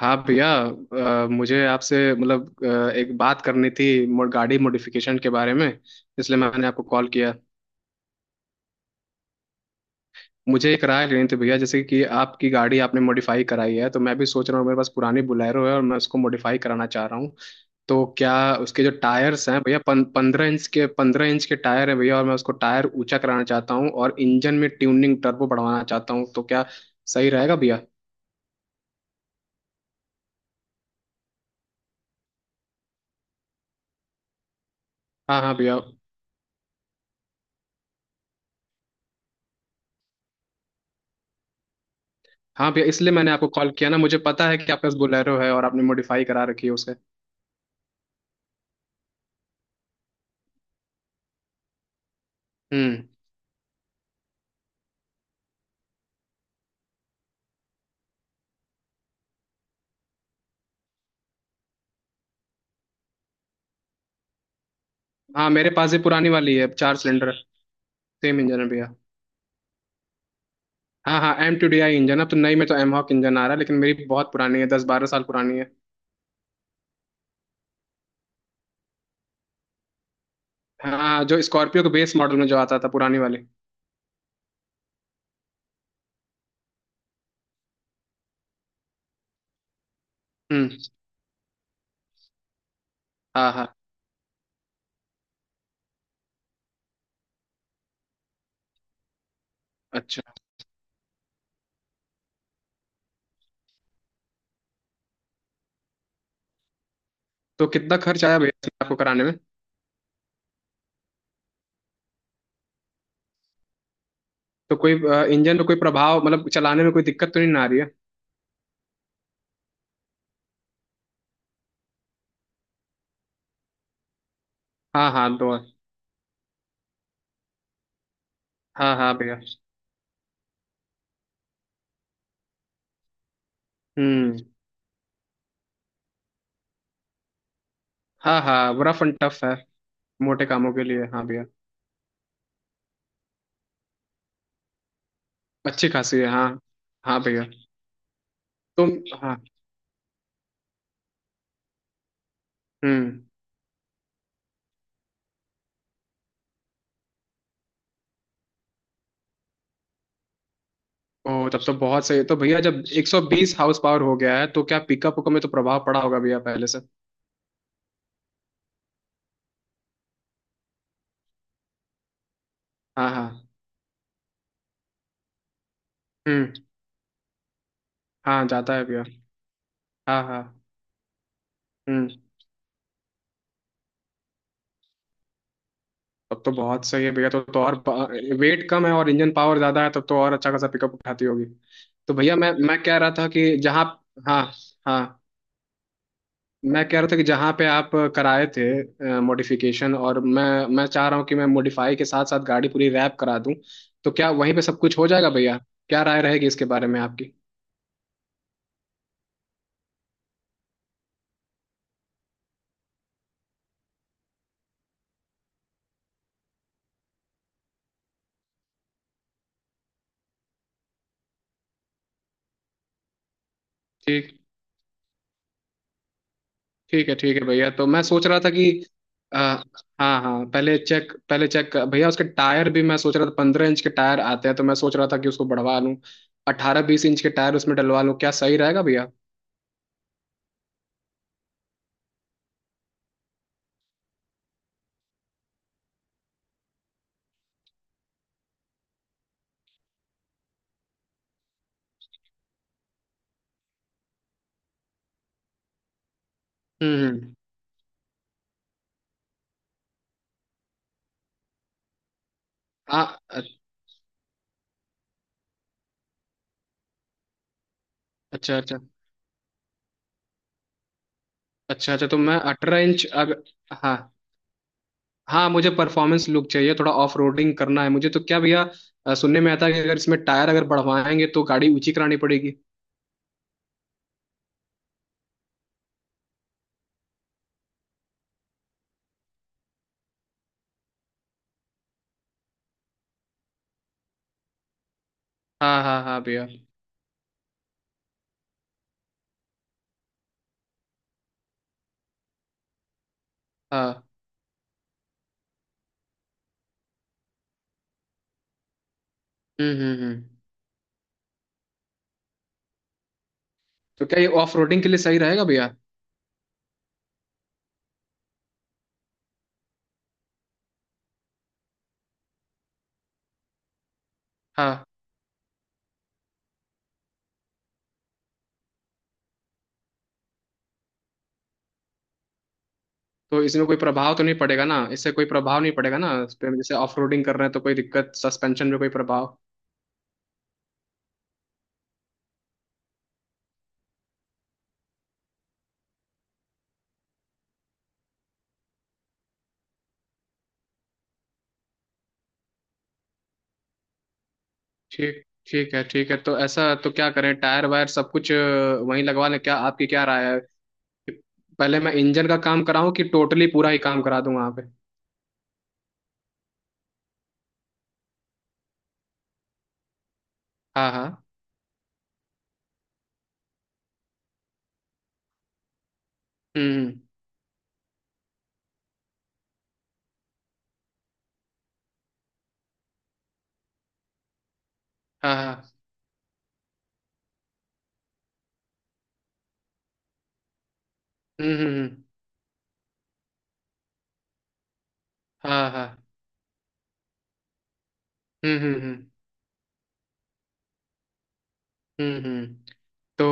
हाँ भैया। मुझे आपसे मतलब एक बात करनी थी गाड़ी मॉडिफिकेशन के बारे में। इसलिए मैंने आपको कॉल किया। मुझे एक राय लेनी थी भैया जैसे कि आपकी गाड़ी आपने मॉडिफाई कराई है तो मैं भी सोच रहा हूँ, मेरे पास पुरानी बुलेरो है और मैं उसको मॉडिफाई कराना चाह रहा हूँ। तो क्या उसके जो टायर्स हैं भैया, 15 इंच के 15 इंच के टायर हैं भैया, और मैं उसको टायर ऊंचा कराना चाहता हूँ और इंजन में ट्यूनिंग टर्बो बढ़वाना चाहता हूँ। तो क्या सही रहेगा भैया? हाँ हाँ भैया। हाँ भैया इसलिए मैंने आपको कॉल किया ना, मुझे पता है कि आपके पास बोलेरो है और आपने मॉडिफाई करा रखी है उसे। हम्म। हाँ मेरे पास ये पुरानी वाली है, चार सिलेंडर। सेम इंजन है भैया। हाँ हाँ, M two D I engine है। अब तो नई में तो एमहॉक इंजन आ रहा है लेकिन मेरी बहुत पुरानी है, 10-12 साल पुरानी है। हाँ हाँ, जो स्कॉर्पियो के बेस मॉडल में जो आता था पुरानी वाली। हम्म। हाँ हाँ। अच्छा। तो कितना खर्च आया भैया इसमें आपको कराने में? तो कोई इंजन में कोई प्रभाव मतलब चलाने में कोई दिक्कत तो नहीं ना आ रही है? हाँ हाँ दो। हाँ हाँ भैया। हम्म। हाँ हाँ, रफ एंड टफ है। मोटे कामों के लिए, हाँ भैया। अच्छी खासी है, हाँ। हाँ भैया। तुम। हाँ। हम्म। ओ तब तो बहुत सही है। तो भैया जब 120 हाउस पावर हो गया है तो क्या पिकअप को में तो प्रभाव पड़ा होगा भैया पहले से? हाँ हाँ। हम्म। हाँ जाता है भैया। हाँ हाँ। हम्म। तब तो बहुत सही है भैया। तो और वेट कम है और इंजन पावर ज्यादा है, तब तो और अच्छा खासा पिकअप उठाती होगी। तो भैया मैं कह रहा था कि जहाँ। हाँ हाँ। मैं कह रहा था कि जहाँ पे आप कराए थे मॉडिफिकेशन, और मैं चाह रहा हूँ कि मैं मॉडिफाई के साथ साथ गाड़ी पूरी रैप करा दूँ। तो क्या वहीं पे सब कुछ हो जाएगा भैया? क्या राय रहेगी इसके बारे में आपकी? ठीक। ठीक है भैया, तो मैं सोच रहा था कि हाँ हाँ पहले चेक, पहले चेक भैया उसके टायर भी मैं सोच रहा था, 15 इंच के टायर आते हैं तो मैं सोच रहा था कि उसको बढ़वा लूँ। 18-20 इंच के टायर उसमें डलवा लूँ, क्या सही रहेगा भैया? हम्म हम्म। हाँ अच्छा अच्छा। अच्छा अच्छा तो मैं 18 इंच अगर। हाँ हाँ, मुझे परफॉर्मेंस लुक चाहिए, थोड़ा ऑफ रोडिंग करना है मुझे। तो क्या भैया सुनने में आता है कि अगर इसमें टायर अगर बढ़वाएंगे तो गाड़ी ऊंची करानी पड़ेगी? हाँ हाँ हाँ भैया। हाँ। हम्म। तो क्या ये ऑफ रोडिंग के लिए सही रहेगा भैया? हाँ। तो इसमें कोई प्रभाव तो नहीं पड़ेगा ना, इससे कोई प्रभाव नहीं पड़ेगा ना, इस पे जैसे ऑफ रोडिंग कर रहे हैं तो कोई दिक्कत सस्पेंशन में कोई प्रभाव? ठीक। ठीक है ठीक है, तो ऐसा तो क्या करें, टायर वायर सब कुछ वहीं लगवा लें क्या? आपकी क्या राय है कि पहले मैं इंजन का काम कराऊं कि टोटली पूरा ही काम करा दूं वहां पे? हाँ हाँ। हम्म। हाँ हाँ। हम्म हम्म हम्म, हाँ हाँ। हम्म हम्म हम्म हम्म हम्म। तो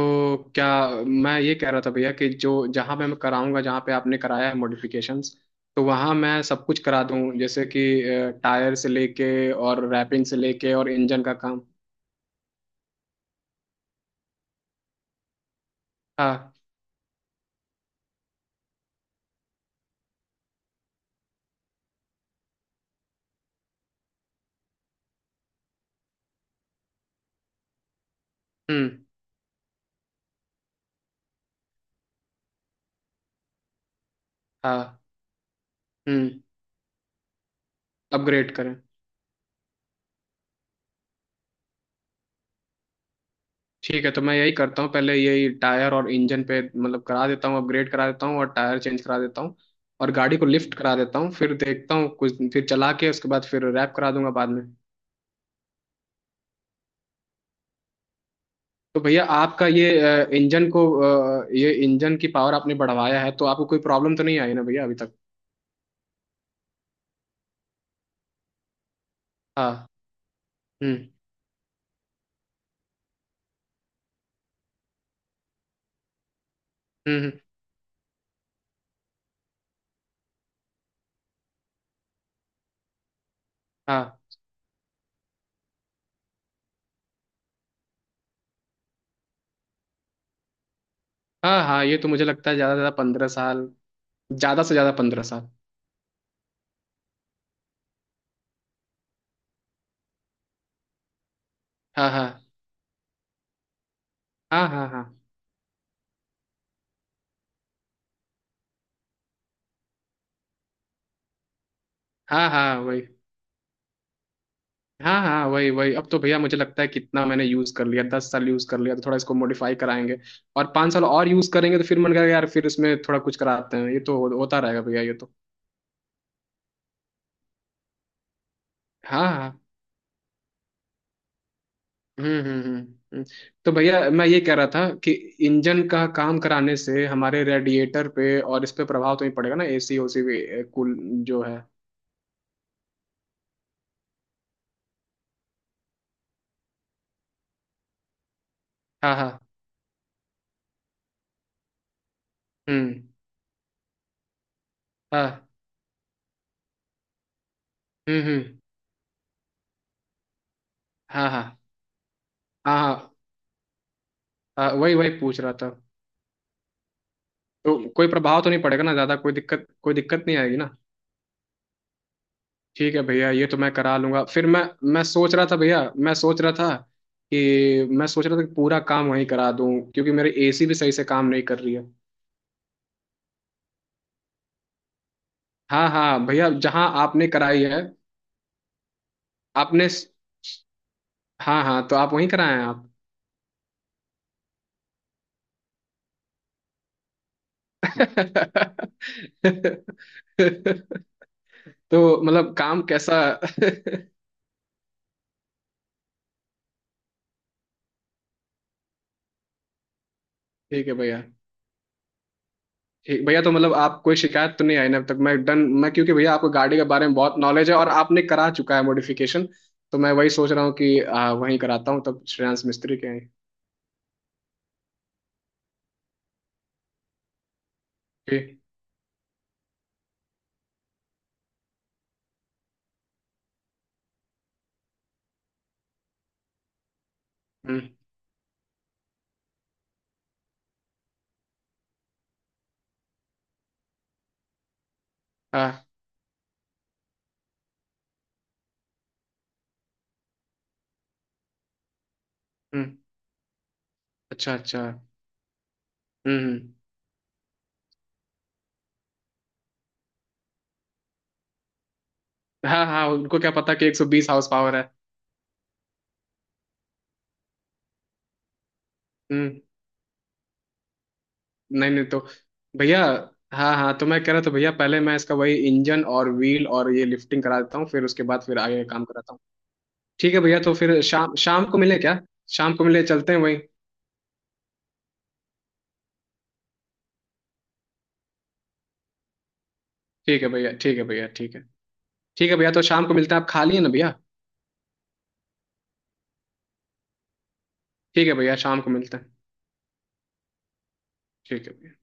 क्या मैं ये कह रहा था भैया कि जो जहाँ पे मैं कराऊंगा, जहाँ पे आपने कराया है मॉडिफिकेशंस, तो वहाँ मैं सब कुछ करा दूँ, जैसे कि टायर से लेके और रैपिंग से लेके और इंजन का काम। हाँ। हम्म। हाँ। हम्म। अपग्रेड करें। ठीक है तो मैं यही करता हूँ, पहले यही टायर और इंजन पे मतलब करा देता हूँ, अपग्रेड करा देता हूँ और टायर चेंज करा देता हूँ और गाड़ी को लिफ्ट करा देता हूँ, फिर देखता हूँ कुछ फिर चला के, उसके बाद फिर रैप करा दूंगा बाद में। तो भैया आपका ये इंजन को ये इंजन की पावर आपने बढ़वाया है तो आपको कोई प्रॉब्लम तो नहीं आई ना भैया अभी तक? हाँ। हम्म हम्म हम्म, हाँ हाँ। हाँ ये तो मुझे लगता है ज़्यादा से ज़्यादा 15 साल। ज़्यादा से ज़्यादा पंद्रह साल। हाँ हाँ। हाँ हाँ। हाँ हाँ। हाँ वही। हाँ हाँ वही वही, अब तो भैया मुझे लगता है कितना मैंने यूज कर लिया, 10 साल यूज कर लिया, तो थोड़ा इसको मॉडिफाई कराएंगे और 5 साल और यूज करेंगे। तो फिर मन करेगा यार फिर इसमें थोड़ा कुछ कराते हैं, ये तो होता रहेगा भैया ये तो। हाँ हाँ हाँ। हम्म। हम्म। तो भैया मैं ये कह रहा था कि इंजन का काम कराने से हमारे रेडिएटर पे और इस पे प्रभाव तो ही पड़ेगा ना, एसी ओसी भी कूल जो है। हाँ हाँ। हम्म। हाँ। हम्म। हाँ हाँ। हाँ हाँ। हाँ, वही वही पूछ रहा था। तो कोई प्रभाव तो नहीं पड़ेगा ना ज्यादा, कोई दिक्कत, कोई दिक्कत नहीं आएगी ना? ठीक है भैया ये तो मैं करा लूंगा। फिर मैं सोच रहा था भैया, मैं सोच रहा था कि मैं सोच रहा था कि पूरा काम वहीं करा दूं क्योंकि मेरी एसी भी सही से काम नहीं कर रही है। हाँ हाँ भैया जहाँ आपने कराई है। आपने। हाँ हाँ तो आप वहीं कराए हैं आप? तो मतलब काम कैसा? ठीक है भैया। ठीक भैया, तो मतलब आप कोई शिकायत तो नहीं आई ना अब तक? मैं डन, मैं, क्योंकि भैया आपको गाड़ी के बारे में बहुत नॉलेज है और आपने करा चुका है मॉडिफिकेशन। तो मैं वही सोच रहा हूँ कि वहीं कराता हूँ तब श्रेयांश मिस्त्री के यहाँ ही। ठीक। हम्म। हाँ। हम्म। अच्छा अच्छा। हम्म, हाँ हाँ उनको क्या पता कि 120 हाउस पावर है। हम्म। नहीं नहीं तो भैया। हाँ हाँ तो मैं कह रहा था भैया, पहले मैं इसका वही इंजन और व्हील और ये लिफ्टिंग करा देता हूँ, फिर उसके बाद फिर आगे काम कराता हूँ। ठीक है भैया तो फिर शाम शाम को मिले क्या? शाम को मिले चलते हैं वहीं। ठीक है भैया ठीक है भैया ठीक है। ठीक है भैया तो शाम को मिलते हैं, आप खाली है ना भैया? ठीक है भैया शाम को मिलते हैं। ठीक है।